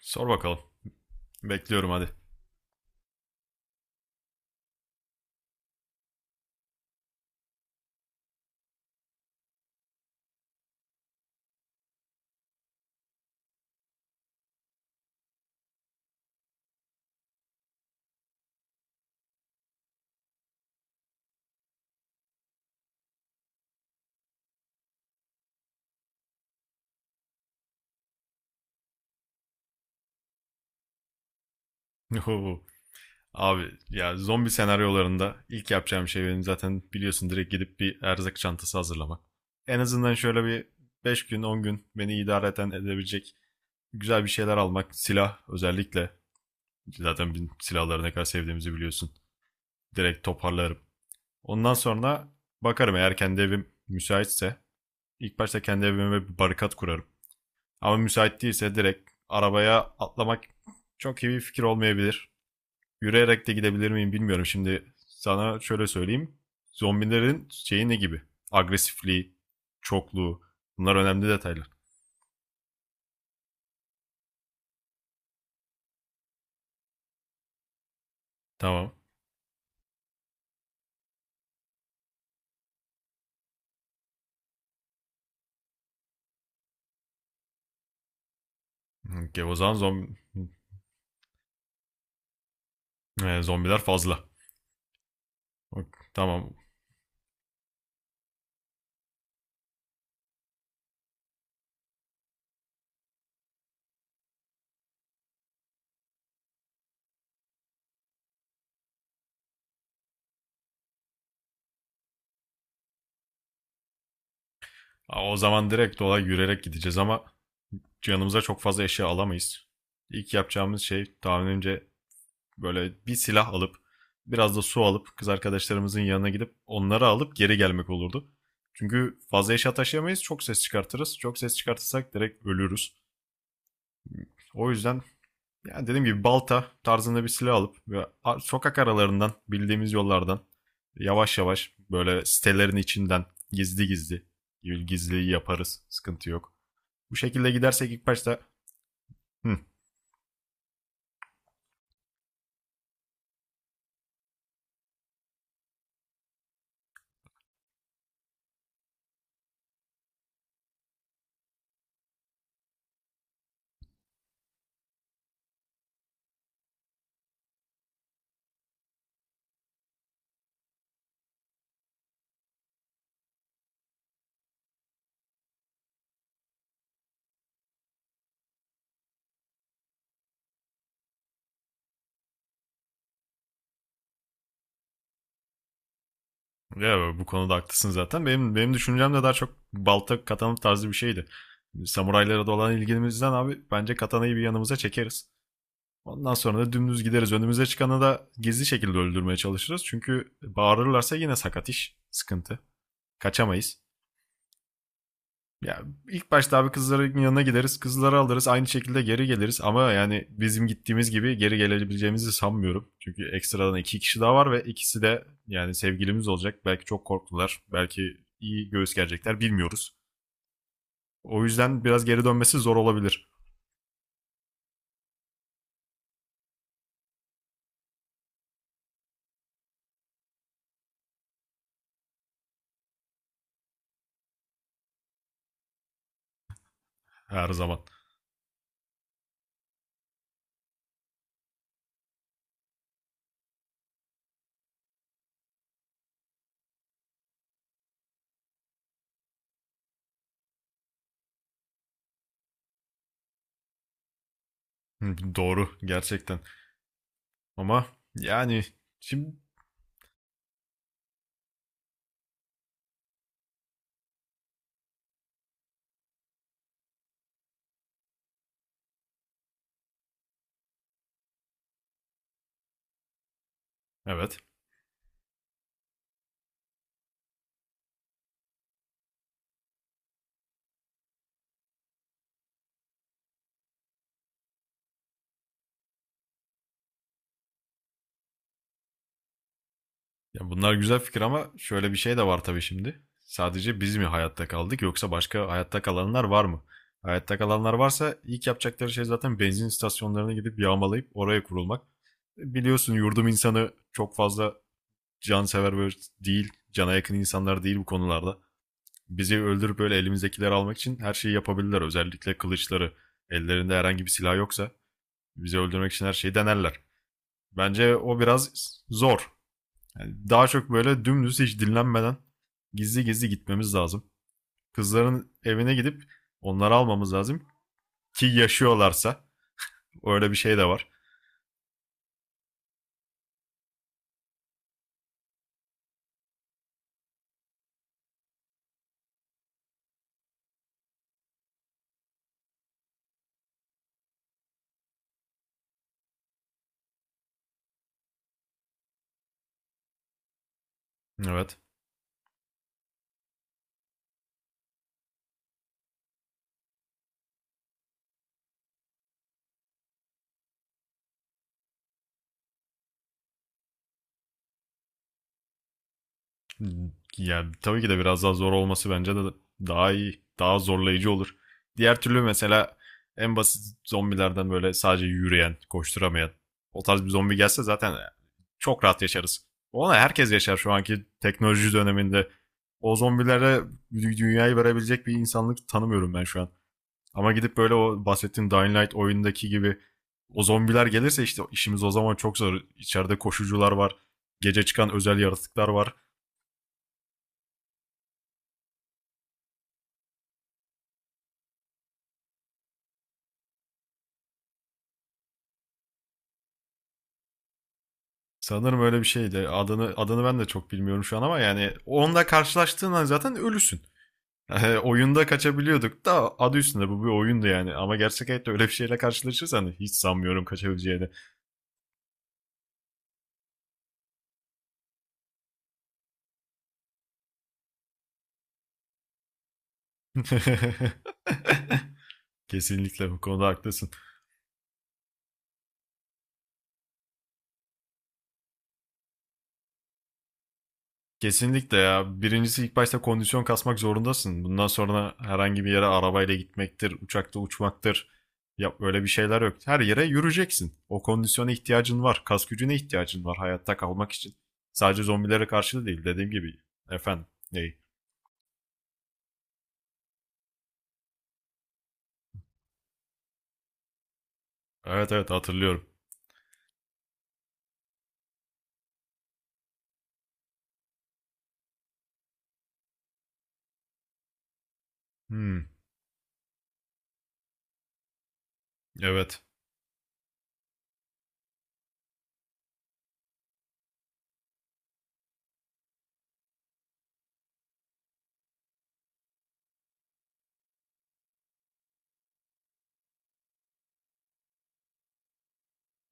Sor bakalım. Bekliyorum hadi. Abi ya zombi senaryolarında ilk yapacağım şey benim zaten biliyorsun direkt gidip bir erzak çantası hazırlamak. En azından şöyle bir 5 gün 10 gün beni idare edebilecek güzel bir şeyler almak. Silah özellikle. Zaten bizim silahları ne kadar sevdiğimizi biliyorsun. Direkt toparlarım. Ondan sonra bakarım eğer kendi evim müsaitse. İlk başta kendi evime bir barikat kurarım. Ama müsait değilse direkt arabaya atlamak çok iyi bir fikir olmayabilir. Yürüyerek de gidebilir miyim bilmiyorum. Şimdi sana şöyle söyleyeyim. Zombilerin şeyi ne gibi? Agresifliği, çokluğu. Bunlar önemli detaylar. Tamam. Okey, o zaman zombi, zombiler fazla. Ok, Tamam. O zaman direkt olay yürüyerek gideceğiz ama yanımıza çok fazla eşya alamayız. İlk yapacağımız şey tahminimce böyle bir silah alıp biraz da su alıp kız arkadaşlarımızın yanına gidip onları alıp geri gelmek olurdu. Çünkü fazla eşya taşıyamayız. Çok ses çıkartırız. Çok ses çıkartırsak direkt ölürüz. O yüzden yani dediğim gibi balta tarzında bir silah alıp ve sokak aralarından bildiğimiz yollardan yavaş yavaş böyle sitelerin içinden gizli gizli gizliyi yaparız. Sıkıntı yok. Bu şekilde gidersek ilk başta "Hı," Ya bu konuda haklısın zaten. Benim düşüncem de daha çok balta katana tarzı bir şeydi. Samuraylara da olan ilgimizden abi bence katanayı bir yanımıza çekeriz. Ondan sonra da dümdüz gideriz. Önümüze çıkanı da gizli şekilde öldürmeye çalışırız. Çünkü bağırırlarsa yine sakat iş. Sıkıntı. Kaçamayız. Ya ilk başta abi kızların yanına gideriz, kızları alırız, aynı şekilde geri geliriz ama yani bizim gittiğimiz gibi geri gelebileceğimizi sanmıyorum. Çünkü ekstradan iki kişi daha var ve ikisi de yani sevgilimiz olacak. Belki çok korktular, belki iyi göğüs gelecekler bilmiyoruz. O yüzden biraz geri dönmesi zor olabilir her zaman. Hı, doğru gerçekten. Ama yani şimdi evet. Ya bunlar güzel fikir ama şöyle bir şey de var tabii şimdi. Sadece biz mi hayatta kaldık yoksa başka hayatta kalanlar var mı? Hayatta kalanlar varsa ilk yapacakları şey zaten benzin istasyonlarına gidip yağmalayıp oraya kurulmak. Biliyorsun yurdum insanı çok fazla cansever böyle değil, cana yakın insanlar değil bu konularda. Bizi öldürüp böyle elimizdekileri almak için her şeyi yapabilirler. Özellikle kılıçları. Ellerinde herhangi bir silah yoksa bizi öldürmek için her şeyi denerler. Bence o biraz zor. Yani daha çok böyle dümdüz hiç dinlenmeden gizli gizli gitmemiz lazım. Kızların evine gidip onları almamız lazım ki yaşıyorlarsa öyle bir şey de var. Evet. Ya tabii ki de biraz daha zor olması bence de daha iyi, daha zorlayıcı olur. Diğer türlü mesela en basit zombilerden böyle sadece yürüyen, koşturamayan o tarz bir zombi gelse zaten çok rahat yaşarız. Ona herkes yaşar şu anki teknoloji döneminde. O zombilere dünyayı verebilecek bir insanlık tanımıyorum ben şu an. Ama gidip böyle o bahsettiğim Dying Light oyundaki gibi o zombiler gelirse işte işimiz o zaman çok zor. İçeride koşucular var. Gece çıkan özel yaratıklar var. Sanırım öyle bir şeydi. Adını ben de çok bilmiyorum şu an ama yani onunla karşılaştığın an zaten ölüsün. Oyunda kaçabiliyorduk da adı üstünde bu bir oyundu yani. Ama gerçek hayatta öyle bir şeyle karşılaşırsan hiç sanmıyorum kaçabileceğini. Kesinlikle bu konuda haklısın. Kesinlikle ya. Birincisi ilk başta kondisyon kasmak zorundasın. Bundan sonra herhangi bir yere arabayla gitmektir, uçakta uçmaktır. Ya öyle bir şeyler yok. Her yere yürüyeceksin. O kondisyona ihtiyacın var. Kas gücüne ihtiyacın var hayatta kalmak için. Sadece zombilere karşı da değil dediğim gibi. Efendim. Ney? Evet, evet, hatırlıyorum. Hmm, evet.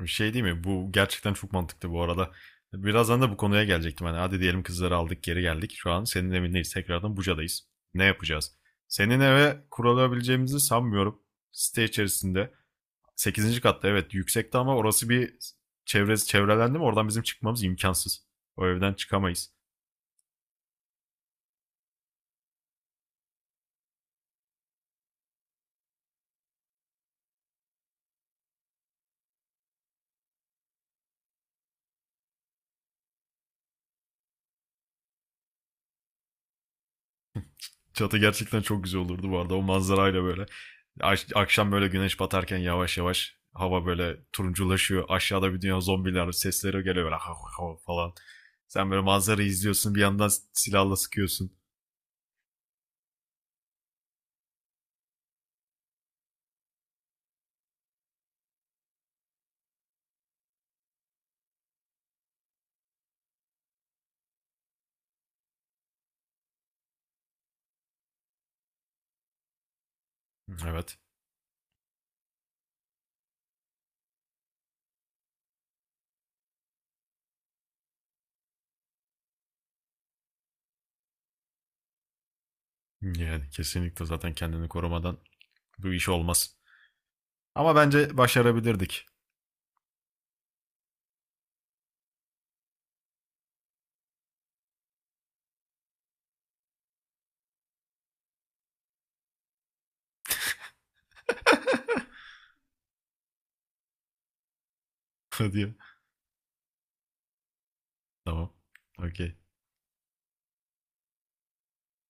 Bir şey değil mi? Bu gerçekten çok mantıklı bu arada. Birazdan da bu konuya gelecektim. Hani hadi diyelim kızları aldık geri geldik. Şu an senin evindeyiz. Tekrardan Buca'dayız. Ne yapacağız? Senin eve kurulabileceğimizi sanmıyorum. Site içerisinde. Sekizinci katta evet yüksekte, ama orası bir, çevresi çevrelendi mi oradan bizim çıkmamız imkansız. O evden çıkamayız. Çatı gerçekten çok güzel olurdu bu arada. O manzarayla böyle. Akşam böyle güneş batarken yavaş yavaş hava böyle turunculaşıyor. Aşağıda bir dünya zombiler sesleri geliyor böyle hav hav falan. Sen böyle manzarayı izliyorsun bir yandan silahla sıkıyorsun. Evet. Yani kesinlikle zaten kendini korumadan bu iş olmaz. Ama bence başarabilirdik. Hadi ya. Tamam. Okey.